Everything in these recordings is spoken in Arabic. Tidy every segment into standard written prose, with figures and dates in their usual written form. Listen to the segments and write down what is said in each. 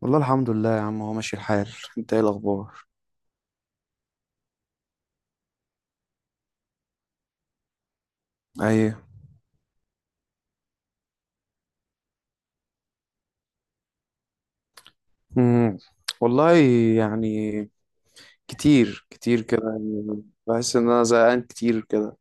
والله، الحمد لله يا عم، هو ماشي الحال. انت ايه الاخبار؟ ايوه. امم والله، يعني كتير كتير كده، يعني بحس ان انا زهقان كتير كده.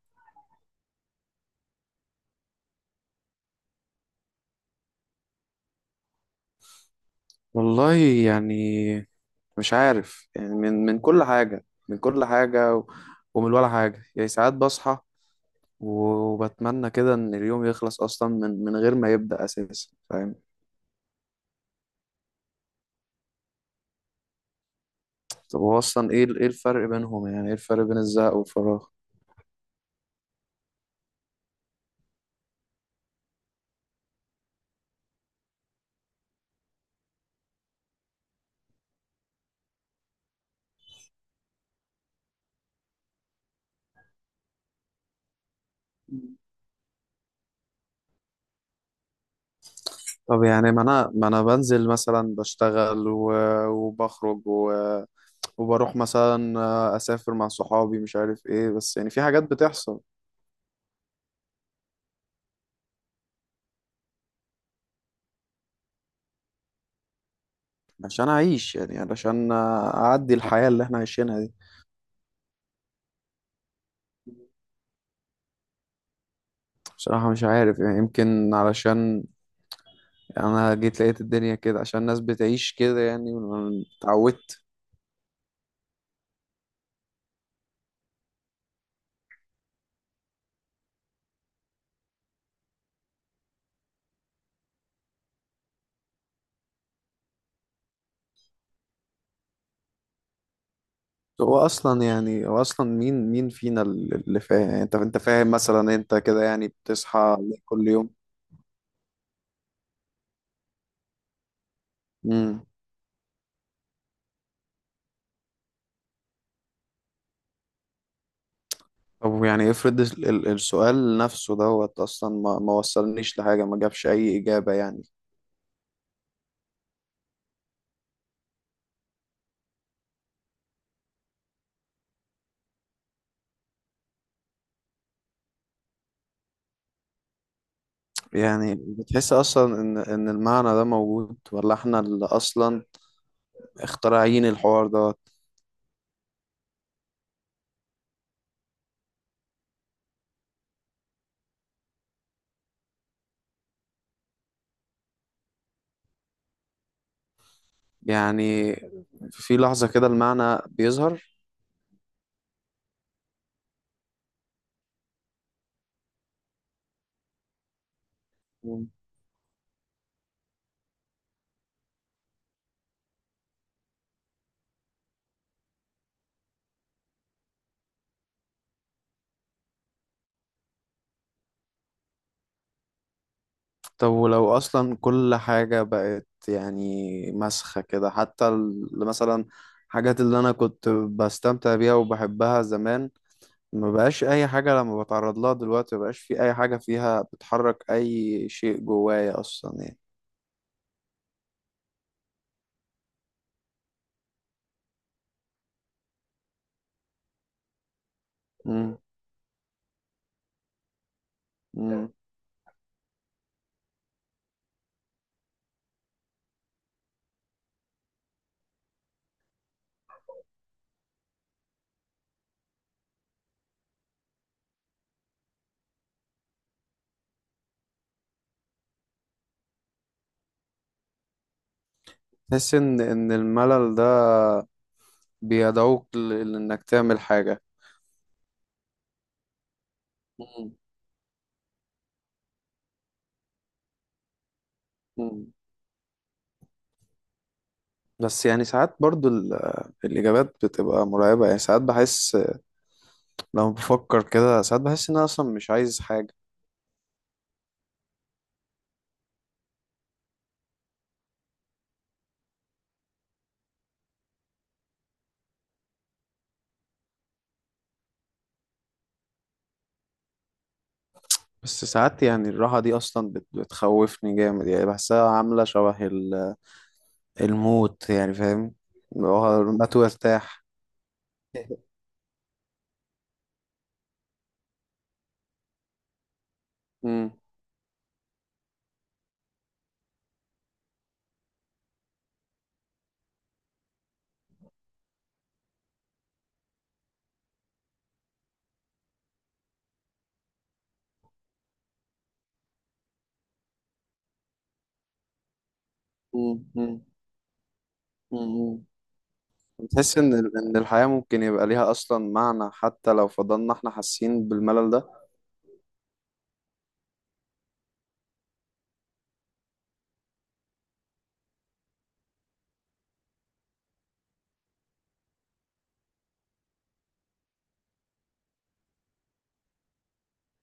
والله يعني مش عارف، يعني من كل حاجه، ومن ولا حاجه. يعني ساعات بصحى وبتمنى كده ان اليوم يخلص اصلا من غير ما يبدا اساسا، فاهم. طب هو اصلا ايه ايه الفرق بينهم؟ يعني ايه الفرق بين الزهق والفراغ؟ طب يعني ما انا بنزل مثلا بشتغل وبخرج وبروح مثلا، اسافر مع صحابي، مش عارف ايه، بس يعني في حاجات بتحصل. عشان اعيش، يعني علشان اعدي الحياة اللي احنا عايشينها دي. بصراحة مش عارف، يعني يمكن علشان انا جيت لقيت الدنيا كده، عشان الناس بتعيش كده يعني، اتعودت. هو اصلا يعني هو اصلا مين مين فينا اللي فاهم؟ يعني انت فاهم مثلا؟ انت كده يعني بتصحى كل يوم؟ مم. طب يعني افرض السؤال نفسه دوت اصلا ما وصلنيش لحاجه، ما جابش اي اجابه يعني. يعني بتحس اصلا ان المعنى ده موجود، ولا احنا اللي اصلا اخترعين الحوار دوت؟ يعني في لحظه كده المعنى بيظهر؟ مم. طب ولو اصلا كل حاجه بقت يعني مسخه كده، حتى مثلا حاجات اللي انا كنت بستمتع بيها وبحبها زمان، ما بقاش اي حاجة لما بتعرض لها دلوقتي، ما بقاش في اي حاجة فيها بتحرك اي شيء جوايا اصلا يعني. امم امم تحس ان الملل ده بيدعوك لانك تعمل حاجة؟ مم. مم. بس يعني ساعات برضو الإجابات بتبقى مرعبة، يعني ساعات بحس، لما بفكر كده ساعات بحس إن أنا أصلا مش عايز حاجة. بس ساعات يعني الراحة دي أصلا بتخوفني جامد، يعني بحسها عاملة شبه الموت يعني، فاهم، اللي هو قوم هات وارتاح. مم. مم. مم. بتحس إن الحياة ممكن يبقى ليها أصلا معنى، حتى لو فضلنا إحنا حاسين بالملل ده؟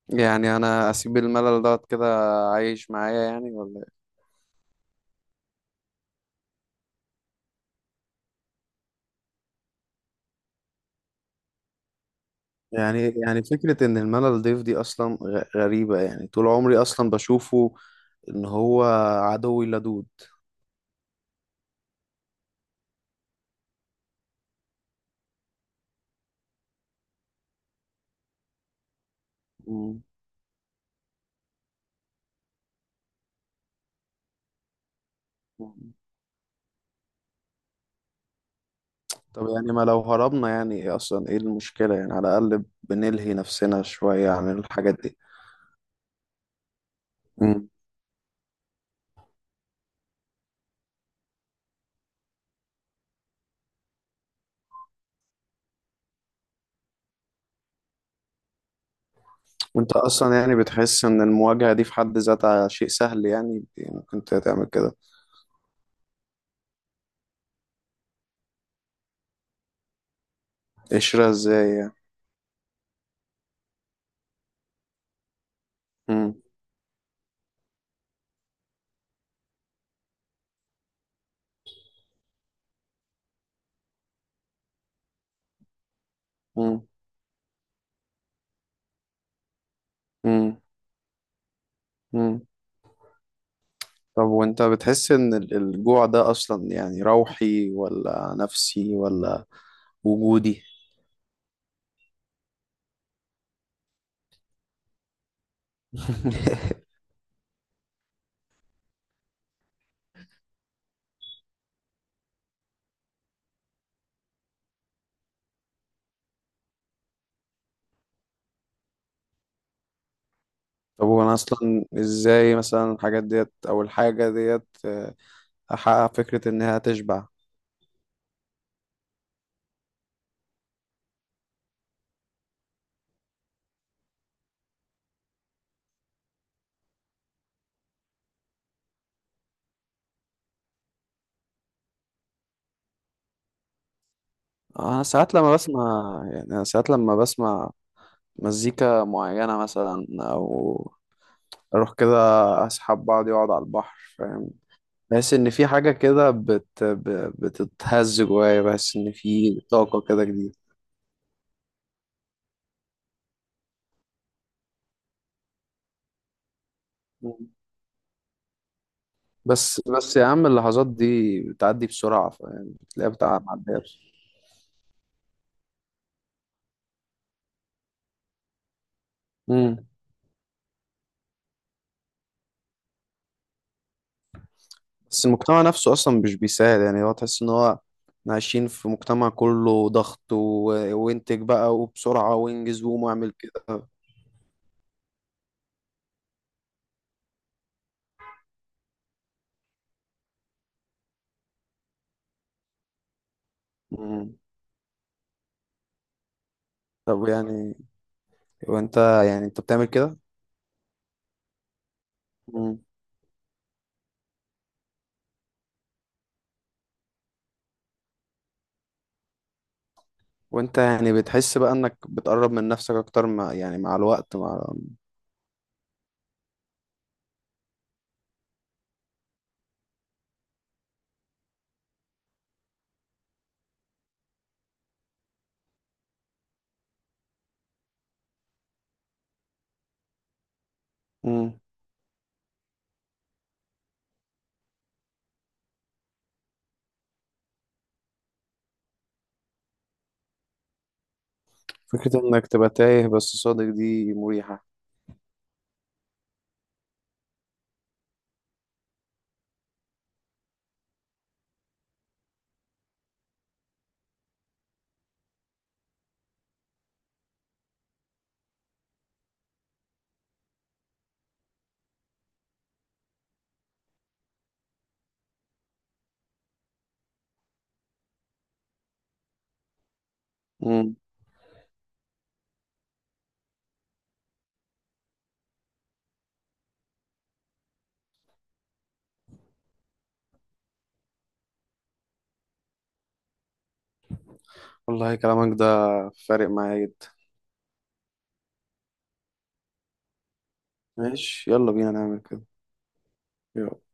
يعني أنا أسيب الملل ده كده عايش معايا يعني، ولا إيه؟ يعني فكرة إن الملل ضيف دي أصلا غريبة، يعني طول عمري أصلا بشوفه إن هو عدوي اللدود. مم. مم. طب يعني ما لو هربنا، يعني إيه أصلا إيه المشكلة؟ يعني على الأقل بنلهي نفسنا شوية عن الحاجات دي. وانت اصلا يعني بتحس ان المواجهة دي في حد ذاتها شيء سهل يعني؟ ممكن تعمل كده؟ قشرة ازاي يعني؟ مم. مم. مم. مم. طب وانت بتحس ان الجوع ده اصلا يعني روحي، ولا نفسي، ولا وجودي؟ طب وانا اصلا ازاي مثلا الحاجات ديت، او الحاجة ديت احقق فكرة انها تشبع؟ انا ساعات لما بسمع يعني انا ساعات لما بسمع مزيكا معينة مثلا، او اروح كده اسحب بعضي واقعد على البحر، فاهم؟ بحس ان في حاجه كده بتتهز جوايا، بحس ان في طاقه كده جديده. مم. بس بس يا عم، اللحظات دي بتعدي بسرعة، يعني بتلاقيها بتاع معدية. امم. بس المجتمع نفسه أصلا مش بيساعد، يعني هو تحس إن هو، إحنا عايشين في مجتمع كله ضغط وانتج بقى وبسرعة وانجز وقوم واعمل كده. امم. طب يعني، وانت، يعني انت بتعمل كده؟ وانت يعني بتحس بقى انك بتقرب من نفسك اكتر، مع يعني مع الوقت، مع؟ مم. فكرة انك تبقى تايه بس صادق دي مريحة. مم. والله كلامك ده فارق معايا جدا. ماشي، يلا بينا نعمل كده. يلا.